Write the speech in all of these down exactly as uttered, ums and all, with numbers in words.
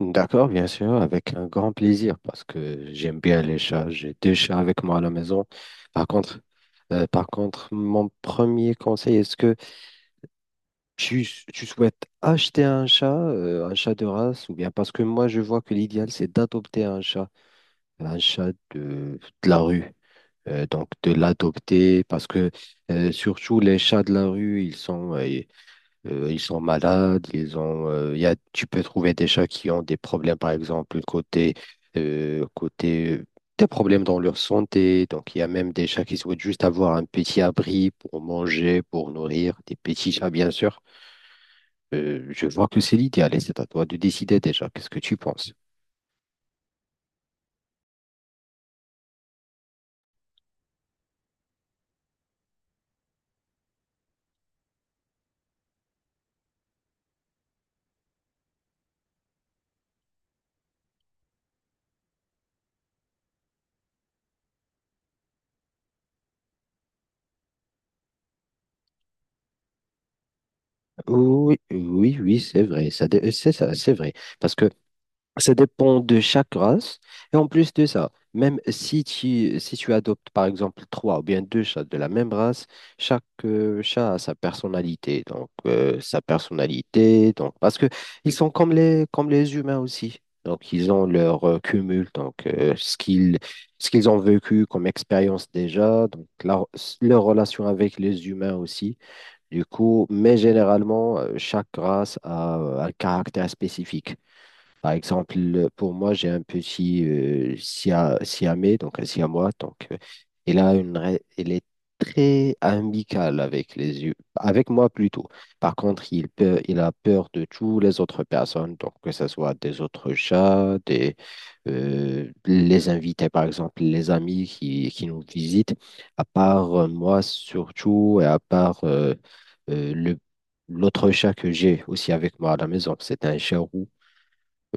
D'accord, bien sûr, avec un grand plaisir, parce que j'aime bien les chats. J'ai deux chats avec moi à la maison. Par contre, euh, par contre, mon premier conseil, est-ce que tu, tu souhaites acheter un chat, euh, un chat de race, ou bien parce que moi, je vois que l'idéal, c'est d'adopter un chat, un chat de, de la rue. Euh, donc, de l'adopter, parce que euh, surtout les chats de la rue, ils sont, euh, Euh, ils sont malades, ils ont, euh, y a, tu peux trouver des chats qui ont des problèmes, par exemple, côté, euh, côté euh, des problèmes dans leur santé. Donc, il y a même des chats qui souhaitent juste avoir un petit abri pour manger, pour nourrir, des petits chats, bien sûr. Euh, je vois que c'est l'idéal et c'est à toi de décider déjà. Qu'est-ce que tu penses? Oui, oui, oui, c'est vrai. Ça, dé- c'est ça, c'est vrai. Parce que ça dépend de chaque race. Et en plus de ça, même si tu, si tu adoptes, par exemple, trois ou bien deux chats de la même race, chaque euh, chat a sa personnalité. Donc, euh, sa personnalité. Donc, parce que ils sont comme les, comme les humains aussi. Donc, ils ont leur euh, cumul. Donc, euh, ce qu'ils, ce qu'ils ont vécu comme expérience déjà. Donc, leur, leur relation avec les humains aussi. Du coup, mais généralement, euh, chaque race a euh, un caractère spécifique. Par exemple, pour moi, j'ai un petit euh, Sia- Siamais, donc un Siamois. Donc, euh, il a une, ra- il est très amical avec les yeux, avec moi plutôt. Par contre, il peut, il a peur de toutes les autres personnes, donc que ce soit des autres chats, des, euh, les invités, par exemple, les amis qui, qui nous visitent. À part euh, moi surtout, et à part euh, euh, le l'autre chat que j'ai aussi avec moi à la maison, c'est un chat roux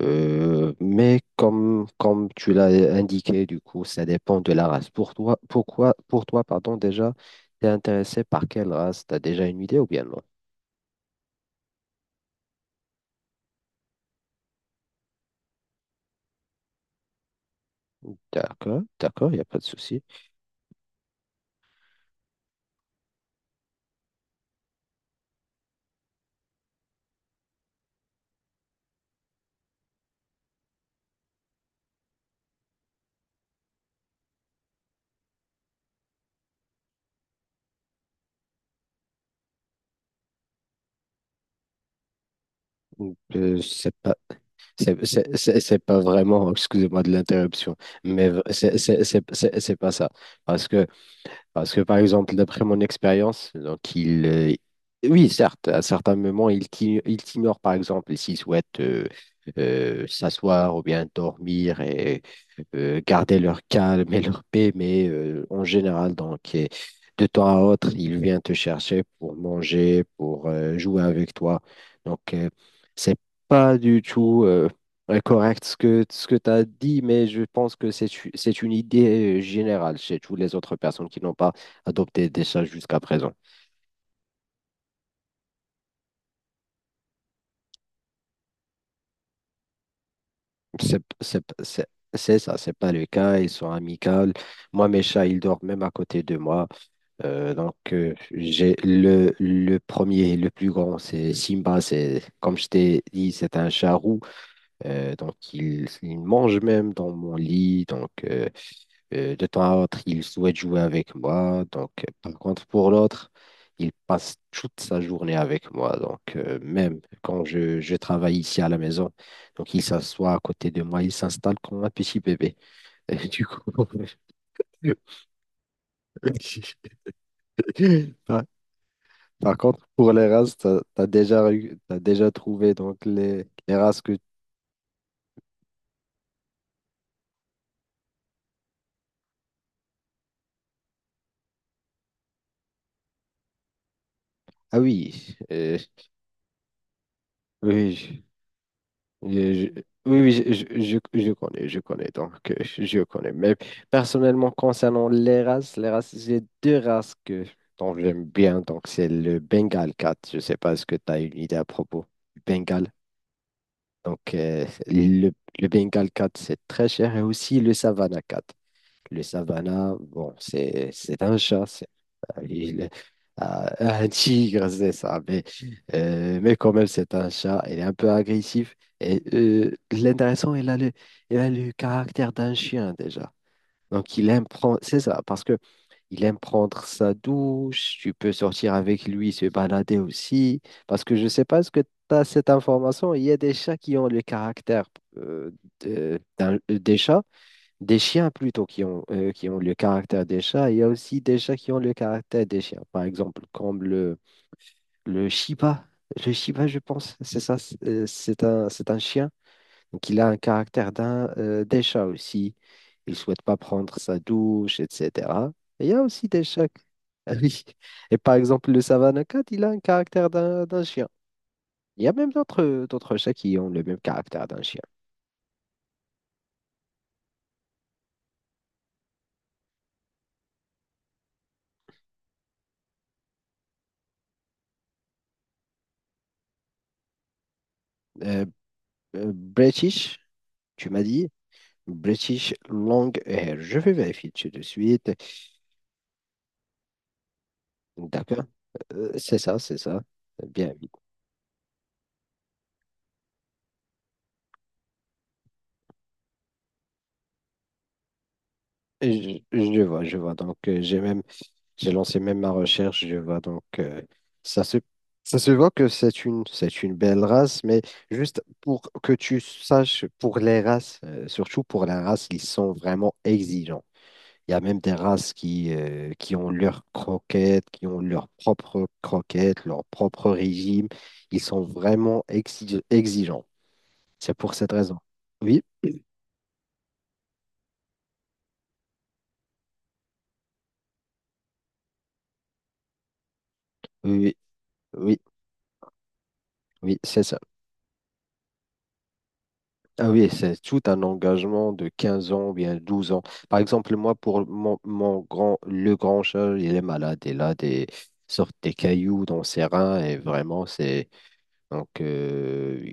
euh, mais comme, comme tu l'as indiqué, du coup, ça dépend de la race. Pour toi, pourquoi, pour toi, pardon, déjà, t'es intéressé par quelle race? T'as déjà une idée ou bien non? D'accord, d'accord, il n'y a pas de souci. Euh, c'est pas, c'est, c'est- c'est- C'est pas vraiment, excusez-moi de l'interruption, mais v- c'est c'est- c'est- c'est- c'est pas ça. Parce que Parce que, par exemple, d'après mon expérience, donc il, euh, oui, certes, à certains moments, il t'i- il t'ignore, par exemple, s'il souhaite euh, euh, s'asseoir ou bien dormir et euh, garder leur calme et leur paix, mais euh, en général, donc, et de temps à autre, il vient te chercher pour manger, pour euh, jouer avec toi. Donc, euh, c'est pas du tout. euh, Ouais, correct ce que, ce que tu as dit, mais je pense que c'est u- c'est une idée euh, générale chez toutes les autres personnes qui n'ont pas adopté des chats jusqu'à présent. C'est c'est- c'est- c'est ça, c'est pas le cas, ils sont amicaux. Moi, mes chats, ils dorment même à côté de moi. Euh, donc, euh, j'ai le, le premier, le plus grand, c'est Simba. C'est, comme je t'ai dit, c'est un chat roux. Euh, donc, il, il mange même dans mon lit. Donc, euh, Euh, de temps à autre, il souhaite jouer avec moi. Donc, euh, par contre, pour l'autre, il passe toute sa journée avec moi. Donc, euh, même quand je, je travaille ici à la maison, donc il s'assoit à côté de moi, il s'installe comme un petit bébé. Et du coup, par, par contre, pour les races, tu as, déjà, eu- t'as déjà trouvé donc les, les races que... Ah oui, euh, oui, Je- je- oui, oui, je, je, je- je connais, je connais, donc euh, je connais. Mais personnellement, concernant les races, les races, j'ai deux races que, dont j'aime bien. Donc, c'est le Bengal cat. Je ne sais pas ce que tu as une idée à propos du Bengal. Donc, euh, le, le Bengal cat, c'est très cher. Et aussi le Savannah cat. Le Savannah, bon, c'est c'est un chat. Il, euh, un tigre, c'est ça. Mais, euh, mais quand même, c'est un chat. Il est un peu agressif. Et euh, l'intéressant, il a le, il a le caractère d'un chien déjà. Donc, il aime prendre, c'est ça, parce que il aime prendre sa douche. Tu peux sortir avec lui, se balader aussi. Parce que je sais pas ce que tu as cette information. Il y a des chats qui ont le caractère euh, de- d'un- des chats. Des chiens plutôt qui ont, euh, qui ont le caractère des chats. Il y a aussi des chats qui ont le caractère des chiens. Par exemple, comme le, le Shiba. Le Shiba, je pense, c'est ça. C'est euh, c'est un, c'est un chien qui a un caractère d'un euh, des chats aussi. Il ne souhaite pas prendre sa douche, et cetera. Et il y a aussi des chats qui- Ah oui. Et par exemple, le Savannah Cat, il a un caractère d'un d'un chien. Il y a même d'autres d'autres chats qui ont le même caractère d'un chien. Euh, euh, British, tu m'as dit. British Long Hair. Je vais vérifier tout de suite. D'accord. Euh, c'est ça, c'est ça. Bien vu. Et Je, je vois, je vois. Donc, euh, j'ai même, j'ai lancé même ma recherche. Je vois donc, euh, ça se, ça se voit que c'est une, c'est une belle race, mais juste pour que tu saches, pour les races, euh, surtout pour la race, ils sont vraiment exigeants. Il y a même des races qui, euh, qui ont leurs croquettes, qui ont leurs propres croquettes, leur propre régime. Ils sont vraiment exi- exigeants. C'est pour cette raison. Oui, oui, oui, oui, oui, c'est ça. Ah oui, c'est tout un engagement de quinze ans ou bien douze ans. Par exemple, moi, pour mon, mon grand, le grand chat, il est malade. Il a des sortes des cailloux dans ses reins et vraiment, c'est... Donc, euh,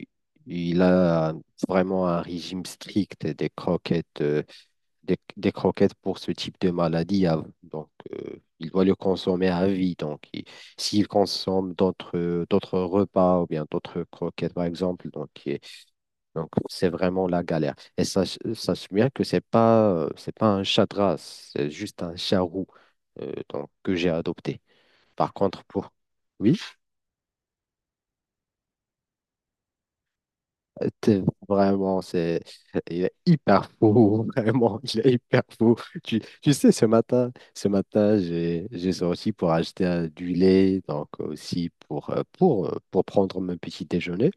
il a vraiment un régime strict des croquettes, euh, des, des croquettes pour ce type de maladie. Ah, donc, euh, il doit le consommer à vie. Donc, il- s'il consomme d'autres d'autres repas ou bien d'autres croquettes, par exemple, donc il- donc c'est vraiment la galère. Et ça sache bien que c'est pas euh, c'est pas un chat de race, c'est juste un chat roux euh, donc, que j'ai adopté. Par contre, pour... oui. T'es... Vraiment, c'est, il est hyper fou, vraiment, il est hyper fou. Tu, tu sais, ce matin, ce matin, j'ai, j'ai sorti pour acheter euh, du lait, donc aussi pour, euh, pour, euh, pour prendre mon petit déjeuner.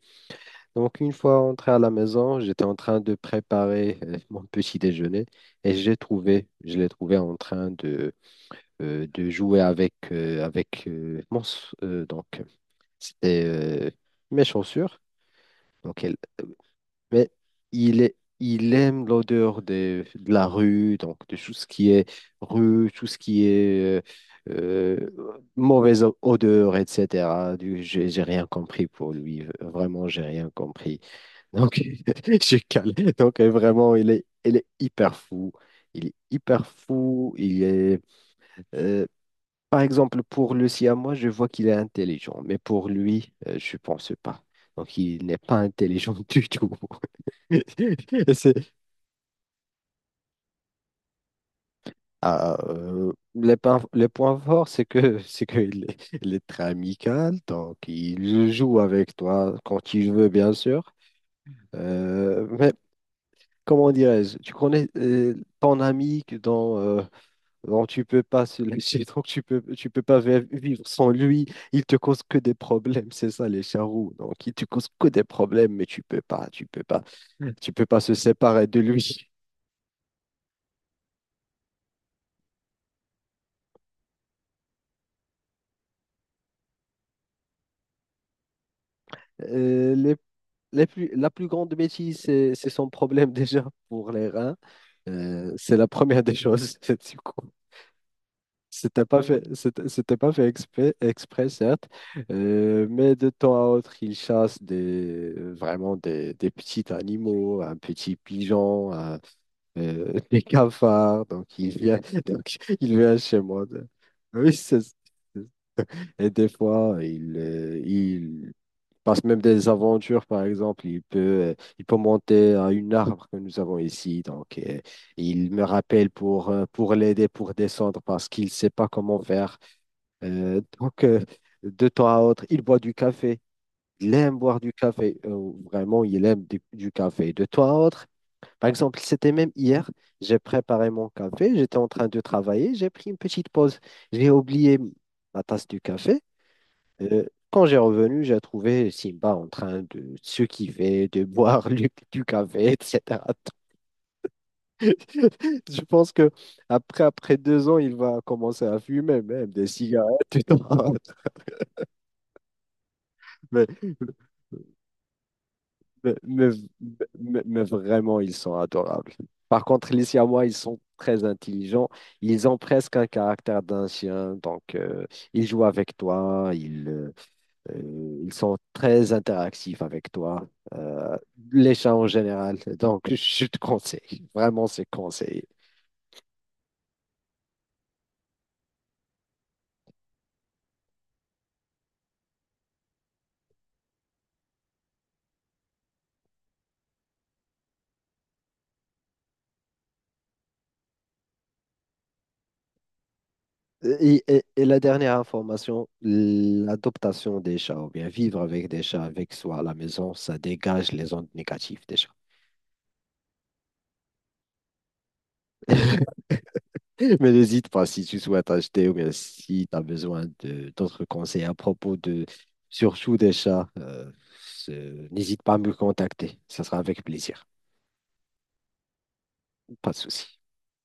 Donc, une fois entré à la maison, j'étais en train de préparer euh, mon petit déjeuner et j'ai trouvé, je l'ai trouvé en train de, euh, de jouer avec, euh, avec euh, mon, s- euh, donc, c'était euh, mes chaussures. Donc, elle- mais il est, il aime l'odeur des- de la rue, donc de tout ce qui est rue, tout ce qui est euh, euh, mauvaise o- odeur, et cetera. Du, j'ai j'ai rien compris pour lui. Vraiment, j'ai rien compris. Donc, j'ai calé. Donc, euh, vraiment, il est, il est hyper fou. Il est hyper fou. Il est, euh, par exemple, pour le siamois, je vois qu'il est intelligent, mais pour lui, euh, je pense pas. Donc, il n'est pas intelligent du tout. C'est... Ah, euh, le point, le point fort, c'est que c'est qu'il est, il est très amical, donc il joue avec toi quand il veut, bien sûr. Euh, mais comment dirais-je, tu connais euh, ton ami que dans, euh, donc tu peux pas se lâcher, donc tu peux, tu peux pas vi- vivre sans lui. Il te cause que des problèmes, c'est ça les charroux. Donc il te cause que des problèmes, mais tu peux pas, tu peux pas, tu peux pas se séparer de lui. Euh, les- les plus- la plus grande bêtise, c'est c'est son problème déjà pour les reins. Euh, c'est la première des choses, du coup. C'était pas fait, c'était c'était pas fait exprès, exprès certes, euh, mais de temps à autre, ils chassent des, euh, vraiment des, des petits animaux, un petit pigeon, un- euh, des cafards, donc il vient donc il vient chez moi. de- Oui, c'est ça. Et des fois, il, euh, il passe même des aventures, par exemple. Il peut, euh, il peut monter à une arbre que nous avons ici. Donc, euh, il me rappelle pour, euh, pour l'aider pour descendre parce qu'il ne sait pas comment faire. Euh, donc, euh, de temps à autre, il boit du café. Il aime boire du café. Euh, vraiment, il aime du, du café. De temps à autre, par exemple, c'était même hier, j'ai préparé mon café, j'étais en train de travailler, j'ai pris une petite pause. J'ai oublié ma tasse du café. Euh, quand j'ai revenu, j'ai trouvé Simba en train de se kiffer, de boire du, du café, et cetera Je pense que après, après deux ans, il va commencer à fumer même des cigarettes. Tu... Mais, mais v- mais- mais vraiment, ils sont adorables. Par contre, les Siamois, ils sont très intelligents. Ils ont presque un caractère d'un chien. Donc, euh, ils jouent avec toi. Ils, euh, euh, ils sont très interactifs avec toi. Euh, les chats en général. Donc, je te conseille. Vraiment, c'est conseillé. Et, et- et la dernière information, l'adoption des chats, ou bien vivre avec des chats avec soi à la maison, ça dégage les ondes négatives des chats. Mais n'hésite pas si tu souhaites acheter ou bien si tu as besoin de d'autres conseils à propos de surtout des chats, euh, ce- n'hésite pas à me contacter. Ça sera avec plaisir. Pas de souci.